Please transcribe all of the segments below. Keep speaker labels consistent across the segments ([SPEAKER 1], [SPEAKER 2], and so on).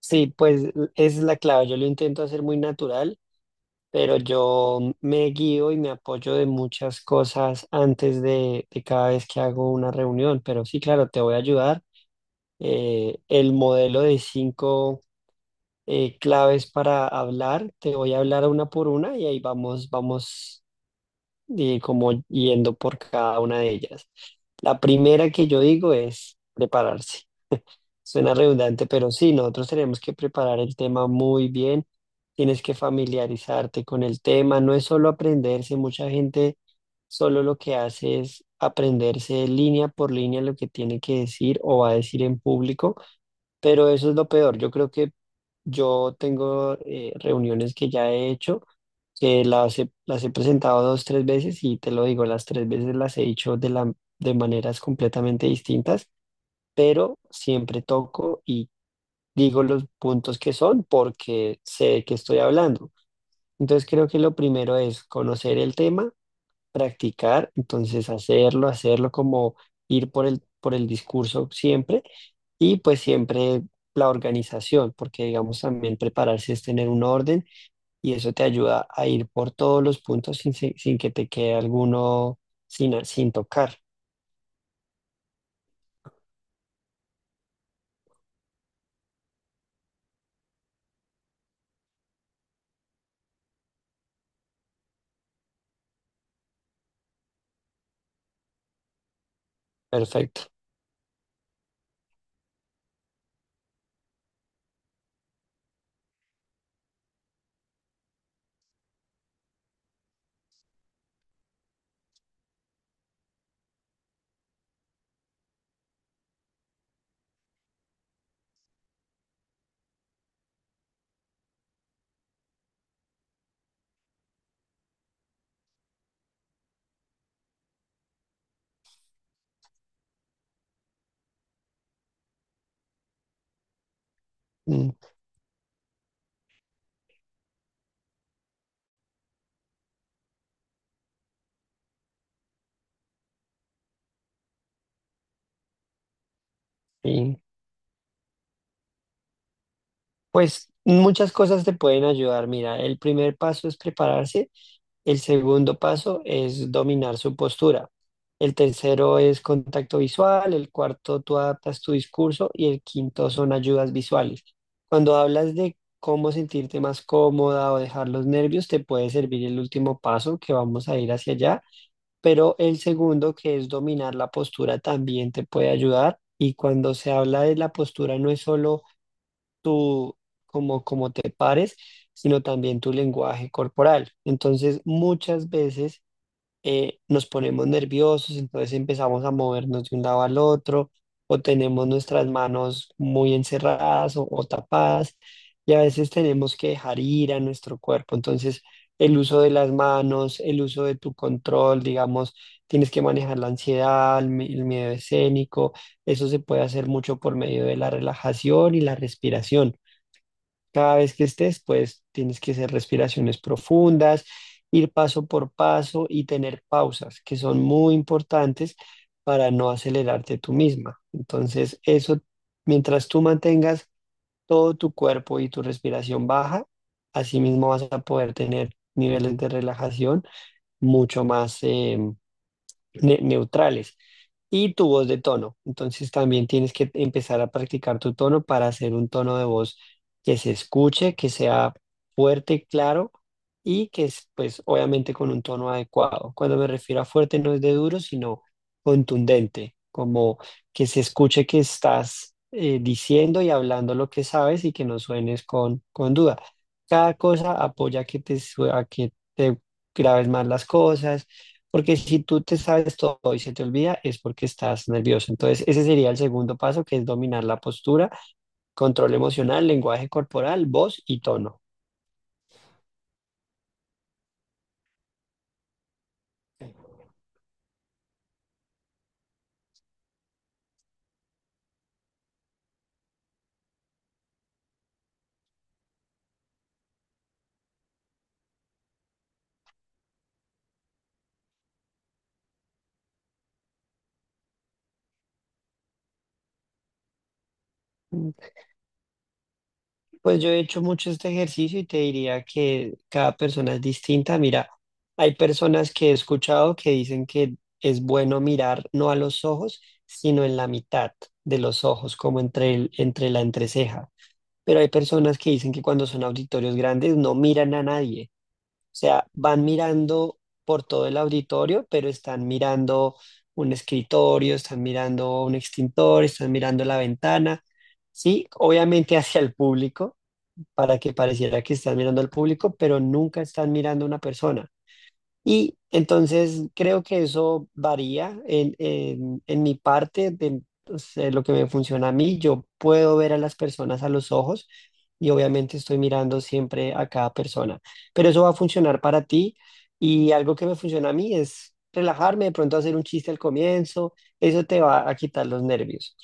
[SPEAKER 1] Sí, pues esa es la clave. Yo lo intento hacer muy natural, pero yo me guío y me apoyo de muchas cosas antes de cada vez que hago una reunión. Pero sí, claro, te voy a ayudar. El modelo de 5 claves para hablar, te voy a hablar una por una y ahí vamos, como yendo por cada una de ellas. La primera que yo digo es prepararse. Suena redundante, pero sí, nosotros tenemos que preparar el tema muy bien, tienes que familiarizarte con el tema, no es solo aprenderse, mucha gente solo lo que hace es aprenderse línea por línea lo que tiene que decir o va a decir en público, pero eso es lo peor. Yo creo que yo tengo reuniones que ya he hecho, que las he presentado 2, 3 veces y te lo digo, las 3 veces las he hecho de maneras completamente distintas, pero siempre toco, digo los puntos que son porque sé de qué estoy hablando. Entonces creo que lo primero es conocer el tema, practicar, entonces hacerlo, hacerlo como ir por el discurso siempre, y pues siempre la organización, porque digamos también prepararse es tener un orden y eso te ayuda a ir por todos los puntos sin que te quede alguno sin tocar. Perfecto. Mm, sí, pues muchas cosas te pueden ayudar. Mira, el primer paso es prepararse, el segundo paso es dominar su postura, el tercero es contacto visual, el cuarto tú adaptas tu discurso y el quinto son ayudas visuales. Cuando hablas de cómo sentirte más cómoda o dejar los nervios, te puede servir el último paso que vamos a ir hacia allá, pero el segundo, que es dominar la postura, también te puede ayudar. Y cuando se habla de la postura no es solo tu, como, como te pares, sino también tu lenguaje corporal. Entonces, muchas veces nos ponemos nerviosos, entonces empezamos a movernos de un lado al otro, o tenemos nuestras manos muy encerradas o tapadas, y a veces tenemos que dejar ir a nuestro cuerpo. Entonces, el uso de las manos, el uso de tu control, digamos, tienes que manejar la ansiedad, el miedo escénico. Eso se puede hacer mucho por medio de la relajación y la respiración. Cada vez que estés, pues tienes que hacer respiraciones profundas, ir paso por paso y tener pausas, que son muy importantes para no acelerarte tú misma. Entonces, eso, mientras tú mantengas todo tu cuerpo y tu respiración baja, así mismo vas a poder tener niveles de relajación mucho más, neutrales, y tu voz de tono. Entonces también tienes que empezar a practicar tu tono para hacer un tono de voz que se escuche, que sea fuerte, claro, y que es pues obviamente con un tono adecuado. Cuando me refiero a fuerte no es de duro, sino contundente, como que se escuche que estás diciendo y hablando lo que sabes y que no suenes con duda. Cada cosa apoya que te, sue- a que te grabes más las cosas, porque si tú te sabes todo y se te olvida, es porque estás nervioso. Entonces, ese sería el segundo paso, que es dominar la postura, control emocional, lenguaje corporal, voz y tono. Pues yo he hecho mucho este ejercicio y te diría que cada persona es distinta. Mira, hay personas que he escuchado que dicen que es bueno mirar no a los ojos, sino en la mitad de los ojos, como entre la entreceja. Pero hay personas que dicen que cuando son auditorios grandes no miran a nadie, sea, van mirando por todo el auditorio, pero están mirando un escritorio, están mirando un extintor, están mirando la ventana. Sí, obviamente hacia el público, para que pareciera que están mirando al público, pero nunca están mirando a una persona. Y entonces creo que eso varía en mi parte de pues, lo que me funciona a mí. Yo puedo ver a las personas a los ojos, y obviamente estoy mirando siempre a cada persona, pero eso va a funcionar para ti. Y algo que me funciona a mí es relajarme, de pronto hacer un chiste al comienzo, eso te va a quitar los nervios.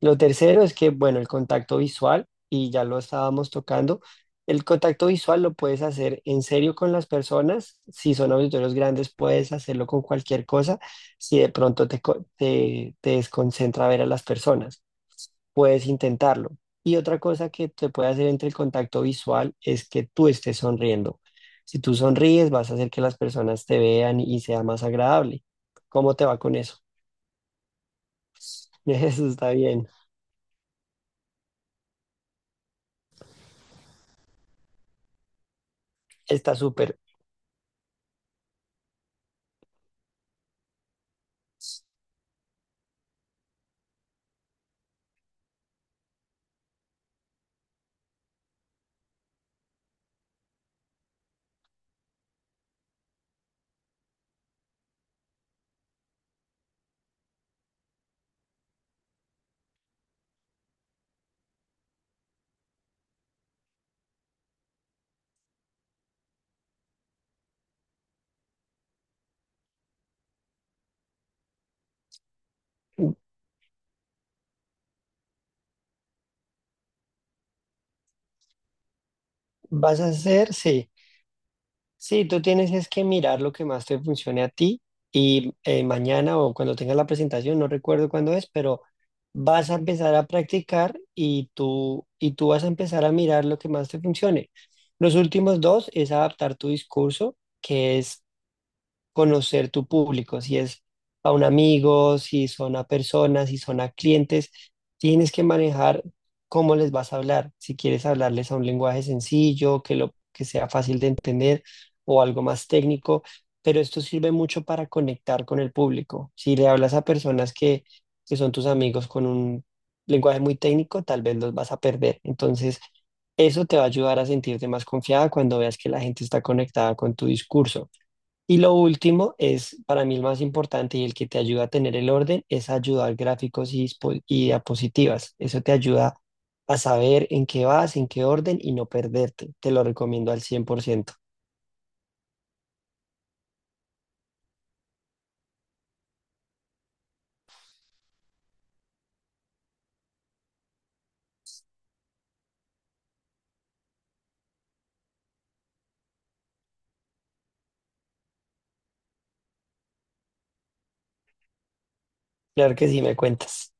[SPEAKER 1] Lo tercero es que, bueno, el contacto visual, y ya lo estábamos tocando. El contacto visual lo puedes hacer en serio con las personas. Si son auditorios grandes, puedes hacerlo con cualquier cosa. Si de pronto te desconcentra ver a las personas, puedes intentarlo. Y otra cosa que te puede hacer entre el contacto visual es que tú estés sonriendo. Si tú sonríes, vas a hacer que las personas te vean y sea más agradable. ¿Cómo te va con eso? Eso está bien, está súper. ¿Vas a hacer? Sí. Sí, tú tienes es que mirar lo que más te funcione a ti, y mañana o cuando tengas la presentación, no recuerdo cuándo es, pero vas a empezar a practicar y tú vas a empezar a mirar lo que más te funcione. Los últimos dos es adaptar tu discurso, que es conocer tu público, si es a un amigo, si son a personas, si son a clientes, tienes que manejar cómo les vas a hablar, si quieres hablarles a un lenguaje sencillo, que lo que sea fácil de entender, o algo más técnico, pero esto sirve mucho para conectar con el público. Si le hablas a personas que son tus amigos con un lenguaje muy técnico, tal vez los vas a perder. Entonces, eso te va a ayudar a sentirte más confiada cuando veas que la gente está conectada con tu discurso. Y lo último es para mí el más importante y el que te ayuda a tener el orden es ayudar gráficos y diapositivas. Eso te ayuda a saber en qué vas, en qué orden y no perderte. Te lo recomiendo al 100%. Claro que sí, me cuentas.